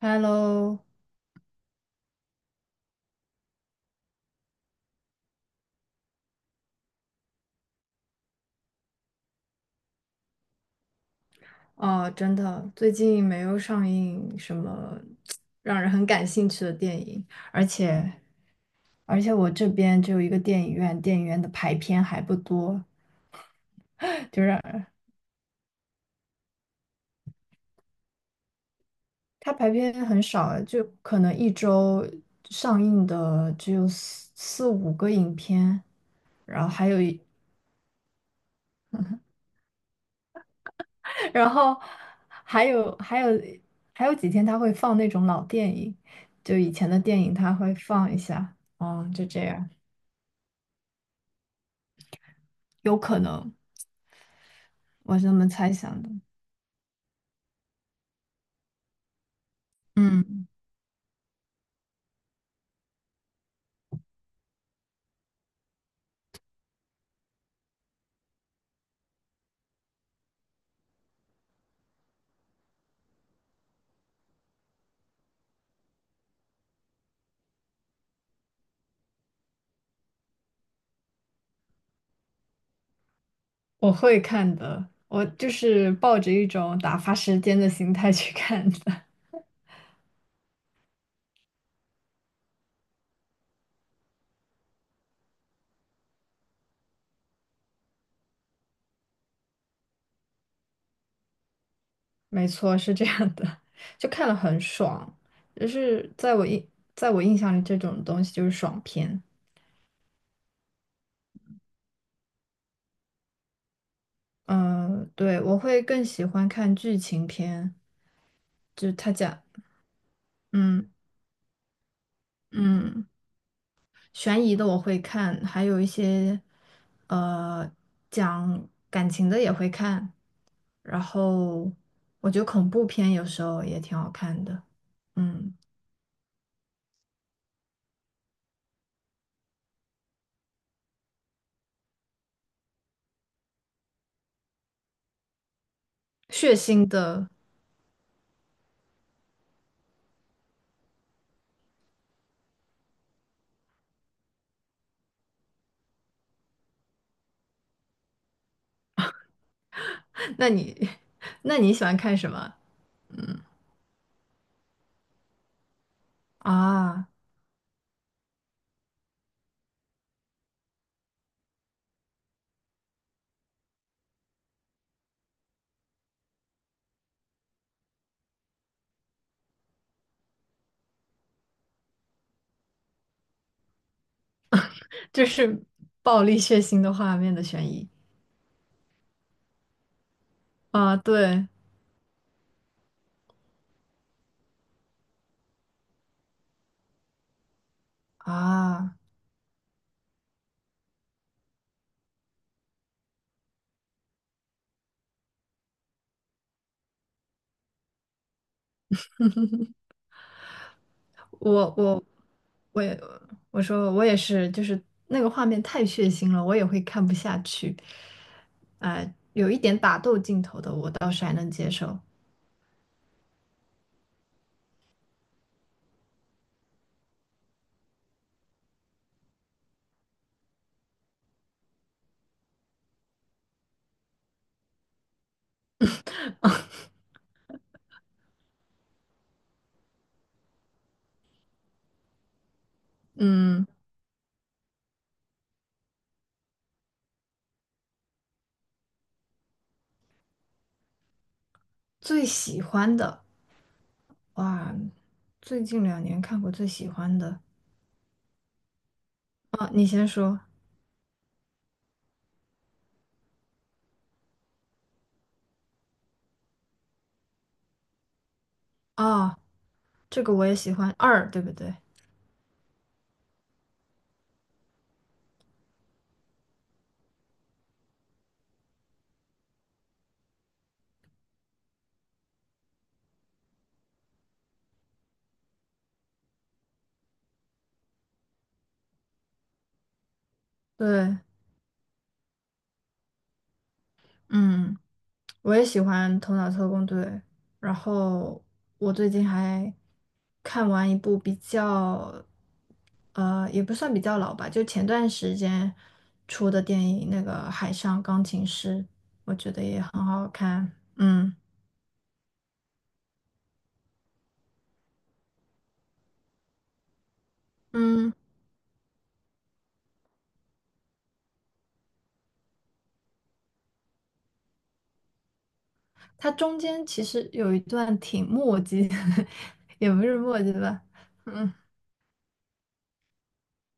Hello，哦，真的，最近没有上映什么让人很感兴趣的电影，而且我这边只有一个电影院，电影院的排片还不多，就是它排片很少啊，就可能一周上映的只有四五个影片，然后还有一，然后还有还有还有几天它会放那种老电影，就以前的电影它会放一下，嗯，就这样。有可能，我是这么猜想的。嗯，我会看的，我就是抱着一种打发时间的心态去看的。没错，是这样的，就看了很爽，就是在我印象里，这种东西就是爽片。嗯、对，我会更喜欢看剧情片，就是他讲，嗯嗯。悬疑的我会看，还有一些呃讲感情的也会看，然后我觉得恐怖片有时候也挺好看的，嗯，血腥的，那你 那你喜欢看什么啊？就是暴力血腥的画面的悬疑啊，对啊。我我我也我说我也是，就是那个画面太血腥了，我也会看不下去。呃，有一点打斗镜头的，我倒是还能接受。嗯，最喜欢的哇，最近2年看过最喜欢的啊，你先说啊，这个我也喜欢二，对不对？对，嗯。我也喜欢《头脑特工队》，然后我最近还看完一部比较，也不算比较老吧，就前段时间出的电影，那个《海上钢琴师》，我觉得也很好看。嗯嗯，它中间其实有一段挺墨迹的，也不是墨迹吧，嗯，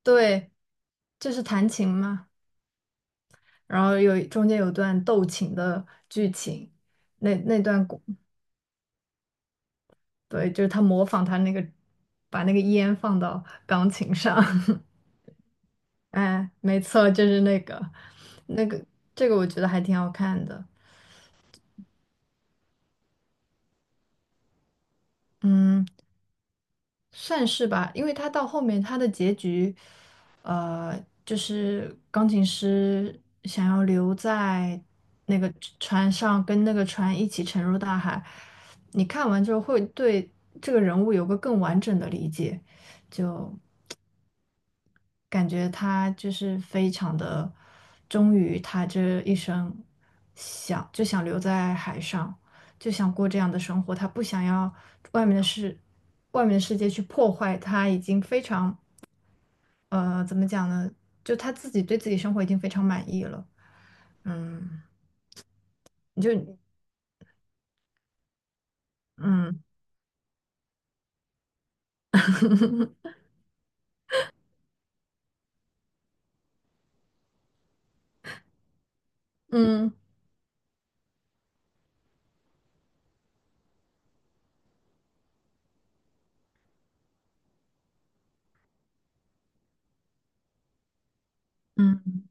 对，就是弹琴嘛，然后中间有段斗琴的剧情。那段对，就是他模仿他那个，把那个烟放到钢琴上，哎，没错，就是那个，那个，这个我觉得还挺好看的，嗯，算是吧，因为他到后面他的结局，呃，就是钢琴师想要留在那个船上，跟那个船一起沉入大海，你看完之后会对这个人物有个更完整的理解，就感觉他就是非常的忠于他这一生想，就想留在海上，就想过这样的生活。他不想要外面的世，外面的世界去破坏他已经非常怎么讲呢？就他自己对自己生活已经非常满意了。嗯，你就嗯 嗯嗯，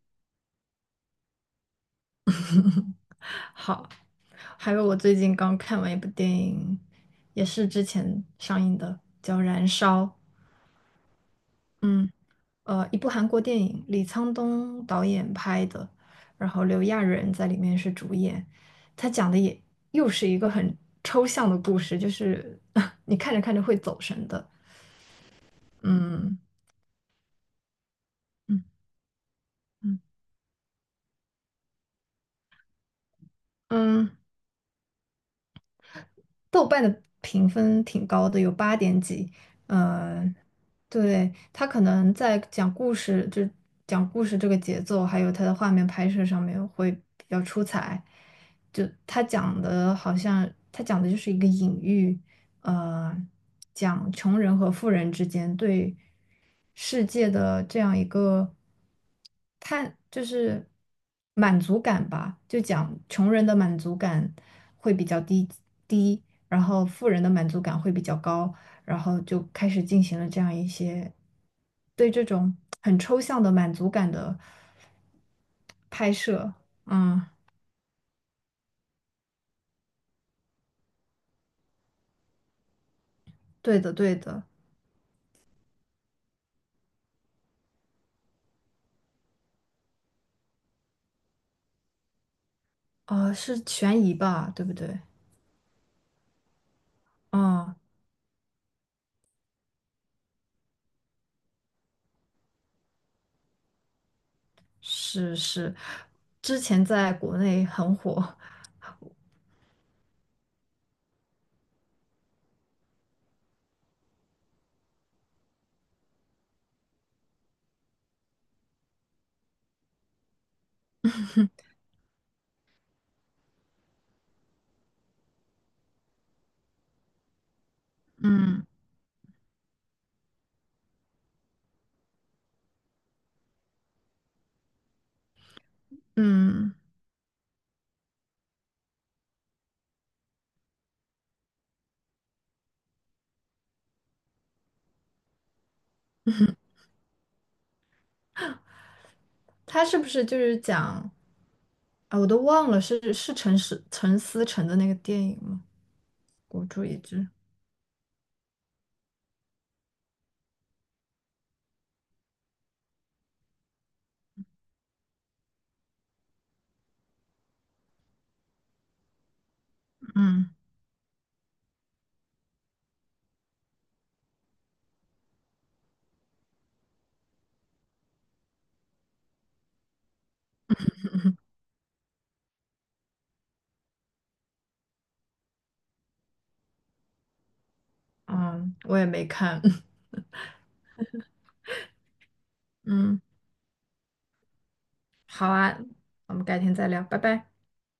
好。还有我最近刚看完一部电影，也是之前上映的，叫《燃烧》。嗯。一部韩国电影，李沧东导演拍的，然后刘亚仁在里面是主演。他讲的也又是一个很抽象的故事，就是 你看着看着会走神的。嗯嗯嗯，嗯，豆瓣的评分挺高的，有8点几。嗯、对，他可能在讲故事，就是讲故事这个节奏，还有他的画面拍摄上面会比较出彩。就他讲的好像，他讲的就是一个隐喻，呃，讲穷人和富人之间对世界的这样一个看，就是满足感吧，就讲穷人的满足感会比较低，然后富人的满足感会比较高，然后就开始进行了这样一些对这种很抽象的满足感的拍摄。嗯，对的，对的，啊，是悬疑吧，对不对？嗯，是是，之前在国内很火。嗯嗯，他是不是就是讲啊？我都忘了是陈思诚的那个电影吗？孤注一掷。嗯嗯，我也没看。嗯。好啊，我们改天再聊，拜拜。